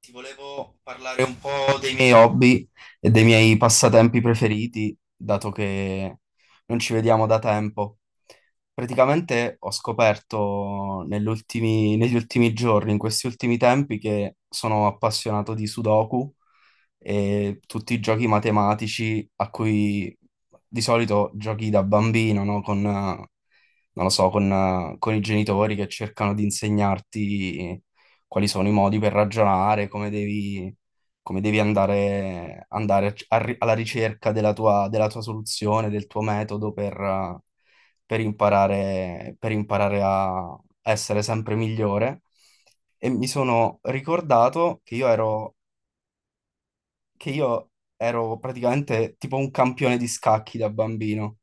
Ti volevo parlare un po' dei miei hobby e dei miei passatempi preferiti, dato che non ci vediamo da tempo. Praticamente ho scoperto negli ultimi giorni, in questi ultimi tempi, che sono appassionato di Sudoku e tutti i giochi matematici a cui di solito giochi da bambino, no? Con, non lo so, con i genitori che cercano di insegnarti quali sono i modi per ragionare, come devi andare, andare alla ricerca della tua soluzione, del tuo metodo per imparare a essere sempre migliore. E mi sono ricordato che io ero praticamente tipo un campione di scacchi da bambino,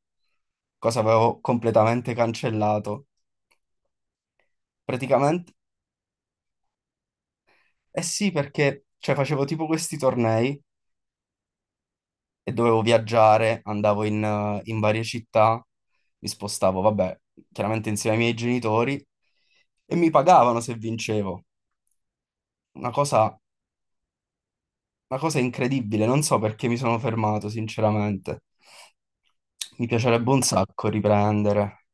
cosa avevo completamente cancellato. Praticamente, eh sì, perché cioè, facevo tipo questi tornei e dovevo viaggiare, andavo in, in varie città, mi spostavo, vabbè, chiaramente insieme ai miei genitori e mi pagavano se vincevo. Una cosa, una cosa incredibile, non so perché mi sono fermato, sinceramente. Mi piacerebbe un sacco riprendere.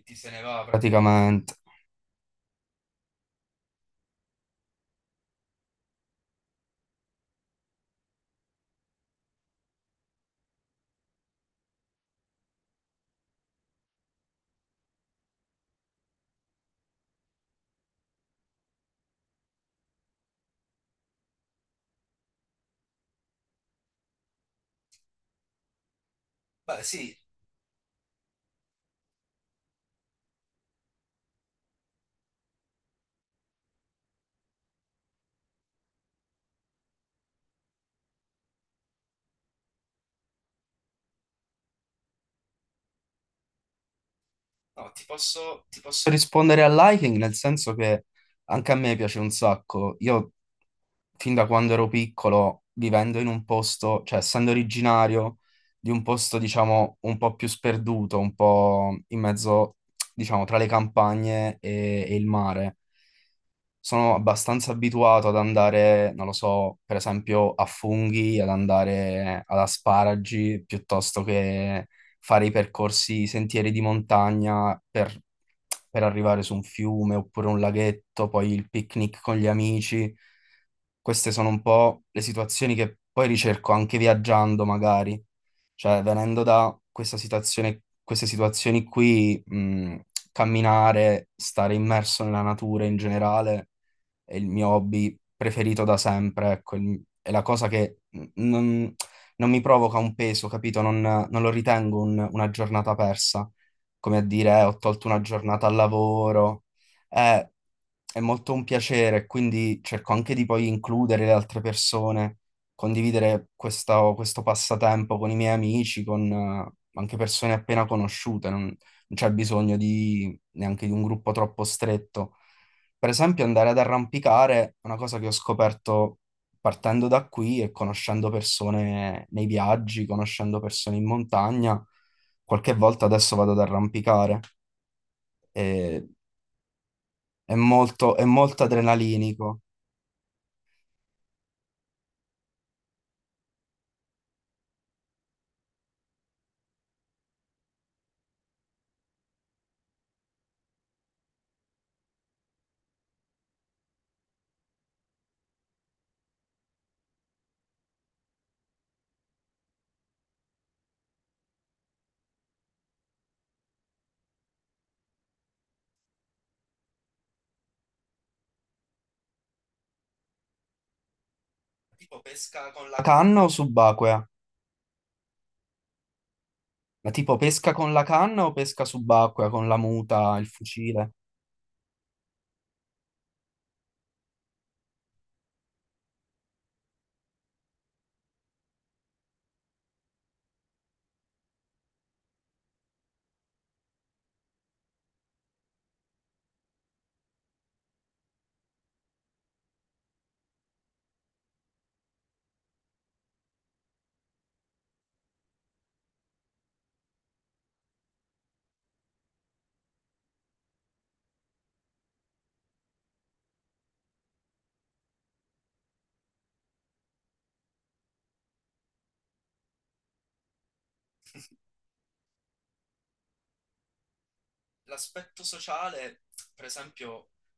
Praticamente. No, ti posso rispondere al liking, nel senso che anche a me piace un sacco. Io fin da quando ero piccolo, vivendo in un posto, cioè essendo originario di un posto, diciamo, un po' più sperduto, un po' in mezzo, diciamo, tra le campagne e il mare. Sono abbastanza abituato ad andare, non lo so, per esempio a funghi, ad andare ad asparagi, piuttosto che fare i percorsi, i sentieri di montagna per arrivare su un fiume oppure un laghetto, poi il picnic con gli amici. Queste sono un po' le situazioni che poi ricerco anche viaggiando, magari. Cioè, venendo da questa situazione, queste situazioni qui, camminare, stare immerso nella natura in generale è il mio hobby preferito da sempre, ecco, è la cosa che non mi provoca un peso, capito? Non lo ritengo una giornata persa, come a dire, ho tolto una giornata al lavoro. Eh, è molto un piacere, quindi cerco anche di poi includere le altre persone, condividere questo passatempo con i miei amici, con anche persone appena conosciute, non c'è bisogno di, neanche di un gruppo troppo stretto. Per esempio, andare ad arrampicare è una cosa che ho scoperto partendo da qui e conoscendo persone nei viaggi, conoscendo persone in montagna. Qualche volta adesso vado ad arrampicare e è molto adrenalinico. Tipo pesca con la canna o subacquea? Ma tipo pesca con la canna o pesca subacquea con la muta, il fucile?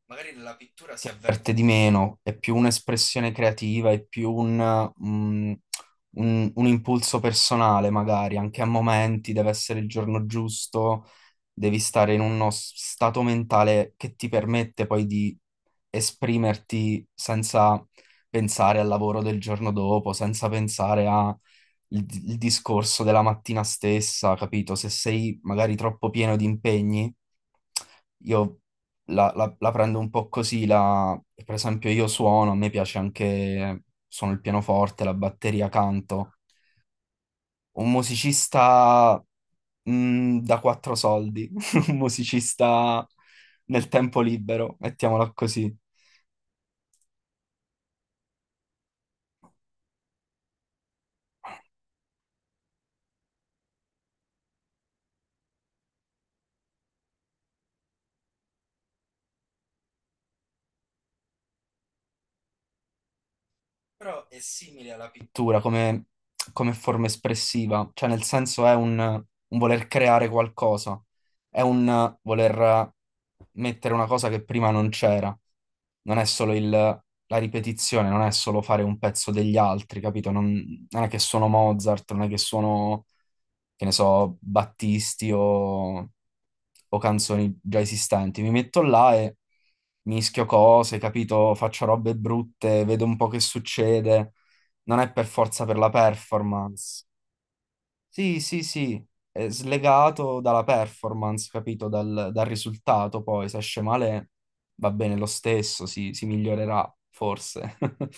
Magari nella pittura si avverte di meno, è più un'espressione creativa, è più mm, un impulso personale, magari anche a momenti, deve essere il giorno giusto, devi stare in uno stato mentale che ti permette poi di esprimerti senza pensare al lavoro del giorno dopo, senza pensare al discorso della mattina stessa, capito? Se sei magari troppo pieno di impegni, io la prendo un po' così, per esempio io suono, a me piace anche, suono il pianoforte, la batteria, canto. Un musicista. Mm, da quattro soldi, un musicista nel tempo libero, mettiamola così. Però è simile alla pittura come, come forma espressiva, cioè nel senso è un voler creare qualcosa, è un voler mettere una cosa che prima non c'era, non è solo la ripetizione, non è solo fare un pezzo degli altri, capito? Non è che sono Mozart, non è che sono, che ne so, Battisti o canzoni già esistenti. Mi metto là e mischio cose, capito? Faccio robe brutte, vedo un po' che succede. Non è per forza per la performance. Sì, sì, sì, è slegato dalla performance, capito? Dal risultato poi, se esce male va bene lo stesso, si migliorerà forse.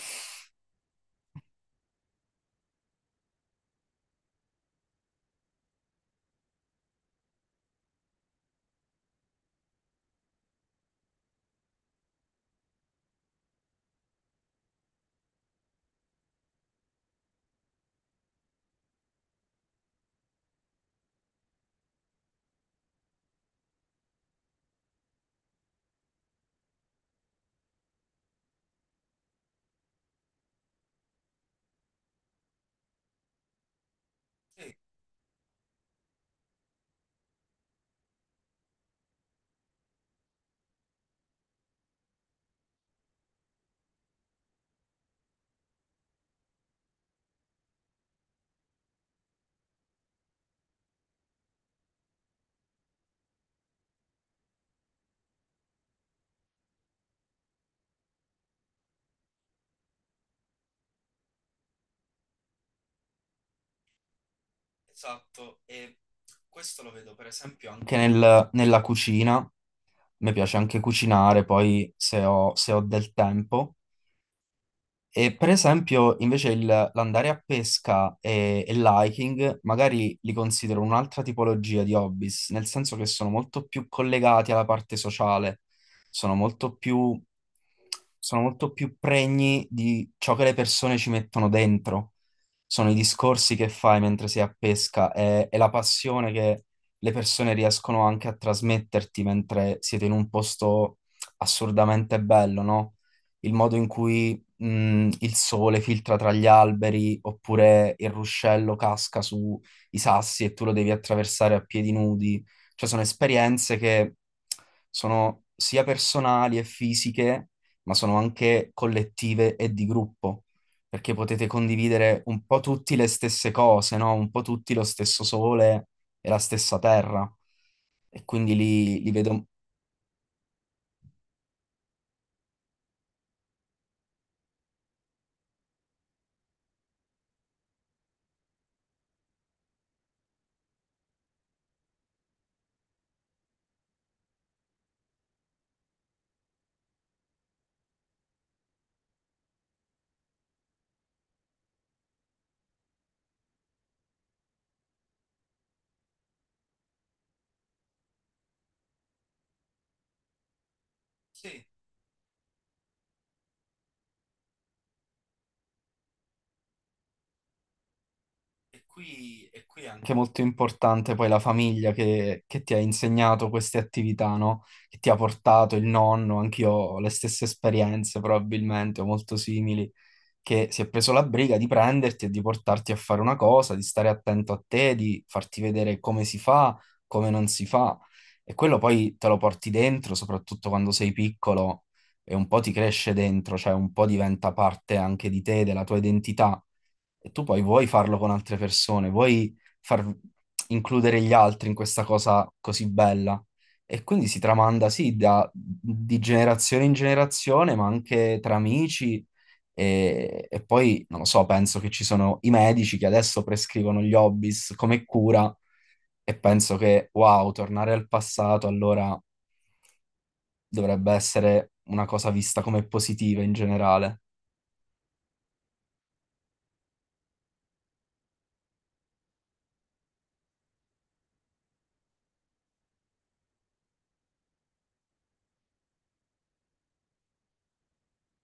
Esatto, e questo lo vedo per esempio anche nella cucina. Mi piace anche cucinare, poi se ho del tempo. E per esempio, invece, l'andare a pesca e l'hiking magari li considero un'altra tipologia di hobbies, nel senso che sono molto più collegati alla parte sociale, sono molto più, sono molto più pregni di ciò che le persone ci mettono dentro. Sono i discorsi che fai mentre sei a pesca e la passione che le persone riescono anche a trasmetterti mentre siete in un posto assurdamente bello, no? Il modo in cui il sole filtra tra gli alberi oppure il ruscello casca sui sassi e tu lo devi attraversare a piedi nudi. Cioè sono esperienze che sono sia personali e fisiche, ma sono anche collettive e di gruppo, perché potete condividere un po' tutti le stesse cose, no? Un po' tutti lo stesso sole e la stessa terra. E quindi li vedo... Che è molto importante poi la famiglia che ti ha insegnato queste attività, no? Che ti ha portato il nonno, anch'io ho le stesse esperienze probabilmente, o molto simili, che si è preso la briga di prenderti e di portarti a fare una cosa, di stare attento a te, di farti vedere come si fa, come non si fa. E quello poi te lo porti dentro, soprattutto quando sei piccolo, e un po' ti cresce dentro, cioè un po' diventa parte anche di te, della tua identità. E tu poi vuoi farlo con altre persone, vuoi far includere gli altri in questa cosa così bella. E quindi si tramanda, sì, da, di generazione in generazione, ma anche tra amici e poi, non lo so, penso che ci sono i medici che adesso prescrivono gli hobbies come cura e penso che, wow, tornare al passato allora dovrebbe essere una cosa vista come positiva in generale.